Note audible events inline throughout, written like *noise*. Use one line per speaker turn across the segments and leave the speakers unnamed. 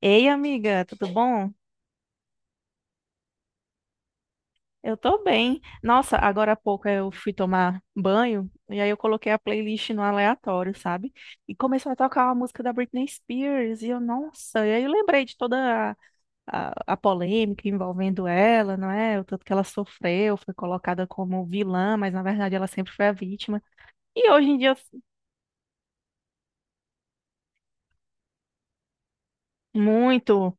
Ei, amiga, tudo bom? Eu tô bem. Nossa, agora há pouco eu fui tomar banho e aí eu coloquei a playlist no aleatório, sabe? E começou a tocar uma música da Britney Spears e eu, nossa, e aí eu lembrei de toda a polêmica envolvendo ela, não é? O tanto que ela sofreu, foi colocada como vilã, mas na verdade ela sempre foi a vítima. E hoje em dia, muito.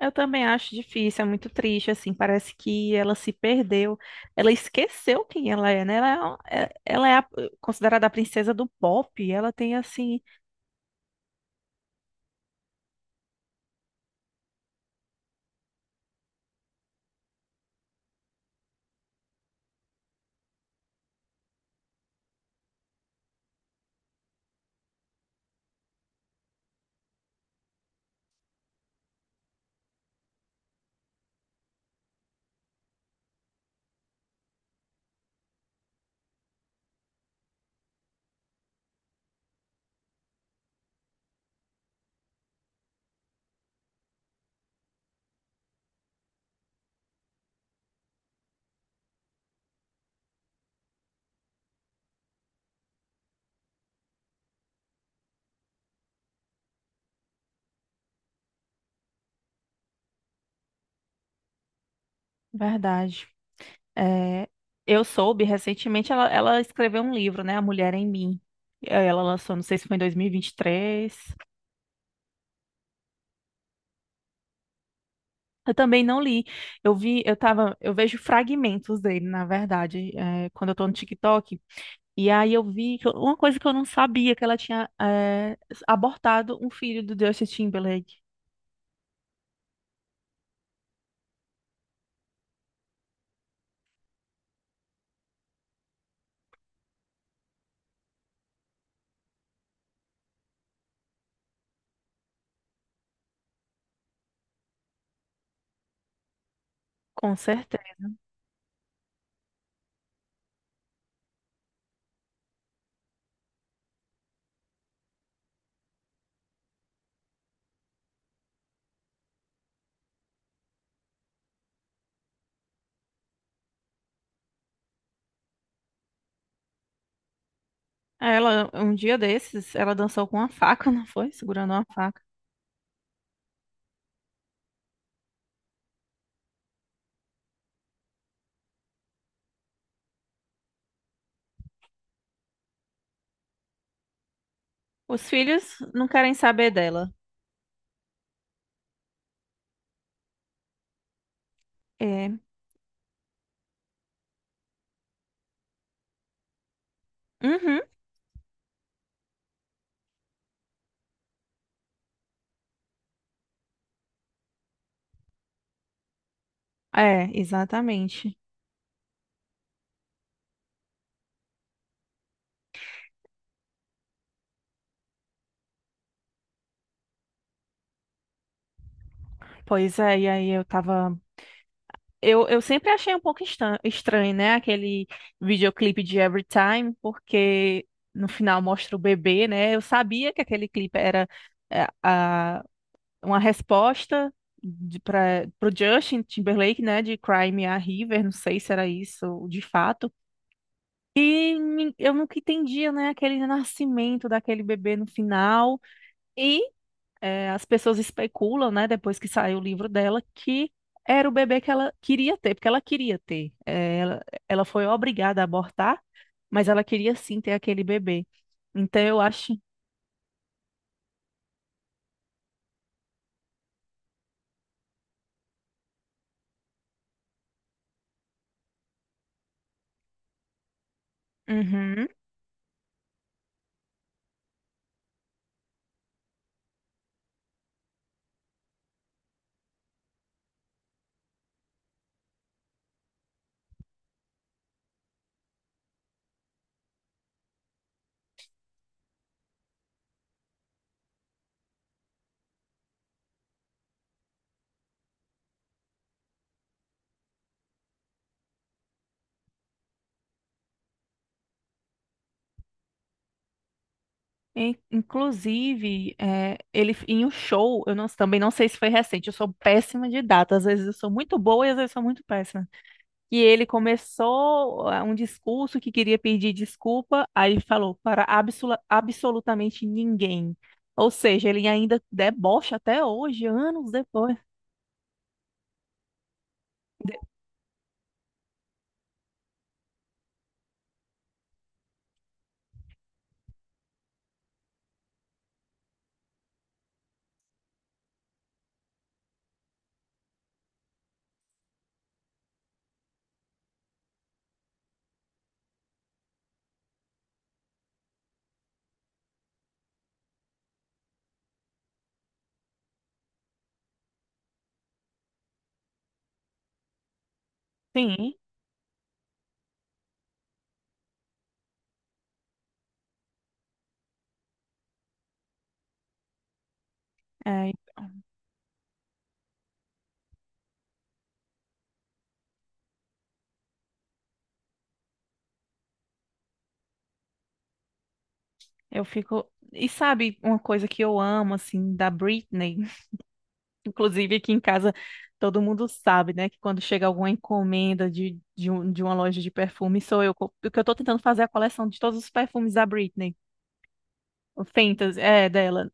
Eu também acho difícil, é muito triste, assim, parece que ela se perdeu, ela esqueceu quem ela é, né? Ela é considerada a princesa do pop, ela tem, assim, verdade. É, eu soube recentemente, ela escreveu um livro, né? A Mulher em Mim. Ela lançou, não sei se foi em 2023. Eu também não li. Eu vi, eu tava, Eu vejo fragmentos dele, na verdade, quando eu tô no TikTok. E aí eu vi que uma coisa que eu não sabia, que ela tinha abortado um filho do Justin Timberlake. Com certeza. Ela, um dia desses, ela dançou com uma faca, *laughs* não foi? Segurando uma faca. Os filhos não querem saber dela. É. Uhum. É, exatamente. Pois é, e aí eu tava. Eu sempre achei um pouco estranho, né? Aquele videoclipe de Every Time, porque no final mostra o bebê, né? Eu sabia que aquele clipe era uma resposta para o Justin Timberlake, né, de Cry Me a River, não sei se era isso de fato. E eu nunca entendia, né, aquele nascimento daquele bebê no final. E é, as pessoas especulam, né, depois que saiu o livro dela, que era o bebê que ela queria ter, porque ela queria ter. É, ela foi obrigada a abortar, mas ela queria sim ter aquele bebê. Então eu acho. Uhum. Inclusive, ele em um show, eu não- também não sei se foi recente, eu sou péssima de data, às vezes eu sou muito boa e às vezes eu sou muito péssima. E ele começou um discurso que queria pedir desculpa, aí ele falou para absolutamente ninguém. Ou seja, ele ainda debocha até hoje, anos depois. Sim, é, então, eu fico. E sabe uma coisa que eu amo, assim, da Britney? Inclusive, aqui em casa, todo mundo sabe, né, que quando chega alguma encomenda de uma loja de perfume, sou eu. Porque eu tô tentando fazer é a coleção de todos os perfumes da Britney. O Fentas, é, dela.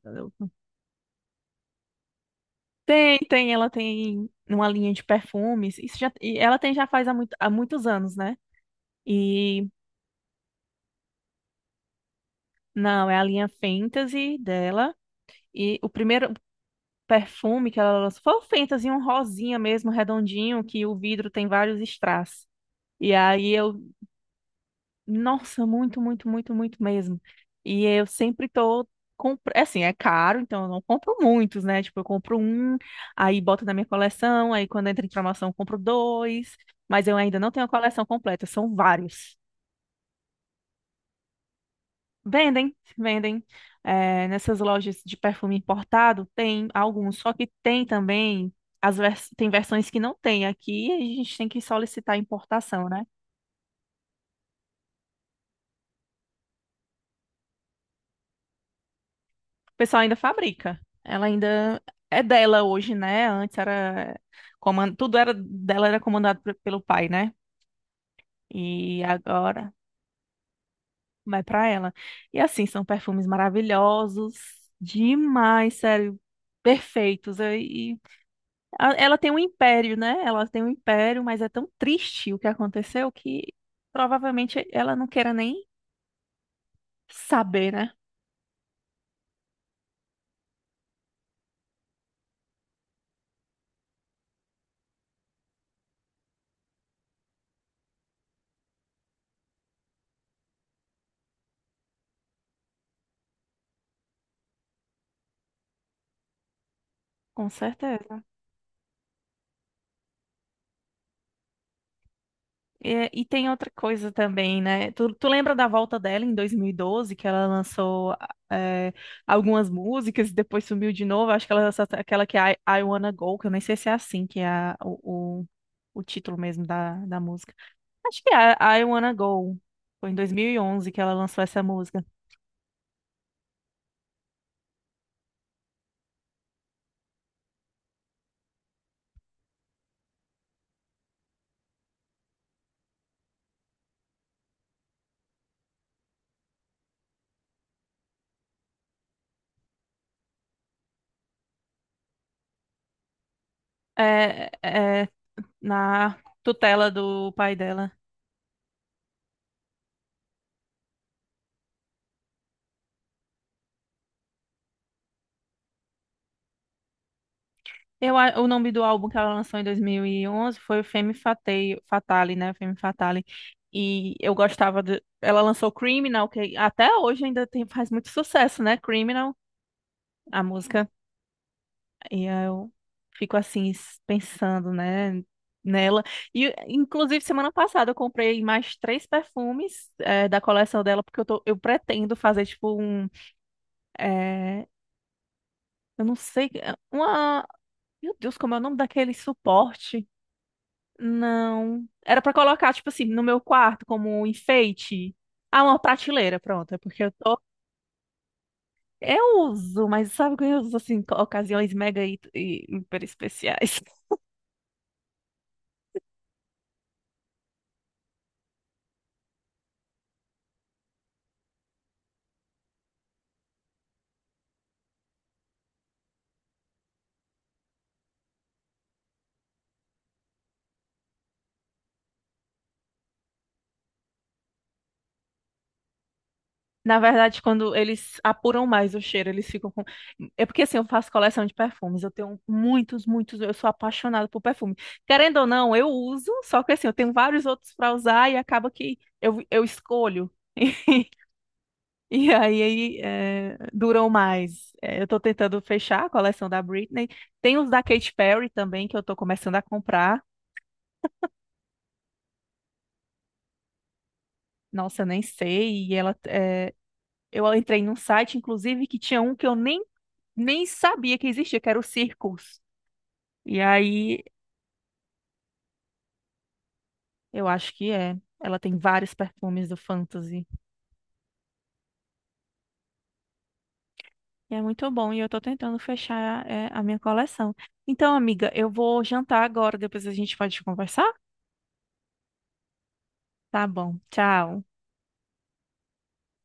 Tem, tem, ela tem uma linha de perfumes. Isso já, e ela tem já faz há muitos anos, né? E, não, é a linha Fantasy dela. E o primeiro perfume que ela lançou foi o Fantasy, um rosinha mesmo, redondinho, que o vidro tem vários strass. E aí eu nossa, muito, muito, muito, muito mesmo. E eu sempre tô. Compro... é assim, é caro, então eu não compro muitos, né? Tipo, eu compro um, aí boto na minha coleção, aí quando entra em promoção eu compro dois, mas eu ainda não tenho a coleção completa, são vários. Vendem, vendem. É, nessas lojas de perfume importado tem alguns, só que tem também, as vers... tem versões que não tem aqui, a gente tem que solicitar importação, né? O pessoal ainda fabrica. Ela ainda é dela hoje, né? Antes era tudo era dela era comandado pelo pai, né? E agora vai pra ela. E assim, são perfumes maravilhosos, demais, sério, perfeitos. E ela tem um império, né? Ela tem um império, mas é tão triste o que aconteceu que provavelmente ela não queira nem saber, né? Com certeza. É, e, tem outra coisa também, né? Tu lembra da volta dela em 2012, que ela lançou é, algumas músicas e depois sumiu de novo? Acho que ela lançou aquela que é I Wanna Go, que eu nem sei se é assim que é o título mesmo da, da música. Acho que é I Wanna Go. Foi em 2011 que ela lançou essa música. É, é na tutela do pai dela. Eu, o nome do álbum que ela lançou em 2011 foi Femme Fatale, né? Femme Fatale. E eu gostava de... Ela lançou Criminal, que até hoje ainda tem, faz muito sucesso, né? Criminal, a música. E eu fico assim, pensando, né? Nela. E, inclusive, semana passada eu comprei mais três perfumes da coleção dela, porque eu pretendo fazer, tipo, um... eh, eu não sei... uma... Meu Deus, como é o nome daquele suporte? Não. Era pra colocar, tipo assim, no meu quarto como um enfeite. Ah, uma prateleira, pronto. É porque eu tô. Eu uso, mas sabe que eu uso assim, ocasiões mega e hiper especiais. *laughs* Na verdade, quando eles apuram mais o cheiro, eles ficam com. É porque assim, eu faço coleção de perfumes. Eu tenho muitos, muitos. Eu sou apaixonada por perfume. Querendo ou não, eu uso, só que assim, eu tenho vários outros pra usar e acaba que eu escolho. *laughs* *laughs* E aí, é, duram mais. É, eu tô tentando fechar a coleção da Britney. Tem os da Katy Perry também, que eu tô começando a comprar. Nossa, eu nem sei. E ela, é, eu entrei num site, inclusive, que tinha um que eu nem sabia que existia, que era o Circles. E aí, eu acho que é. Ela tem vários perfumes do Fantasy. E é muito bom, e eu tô tentando fechar, é, a minha coleção. Então, amiga, eu vou jantar agora, depois a gente pode conversar? Tá bom, tchau.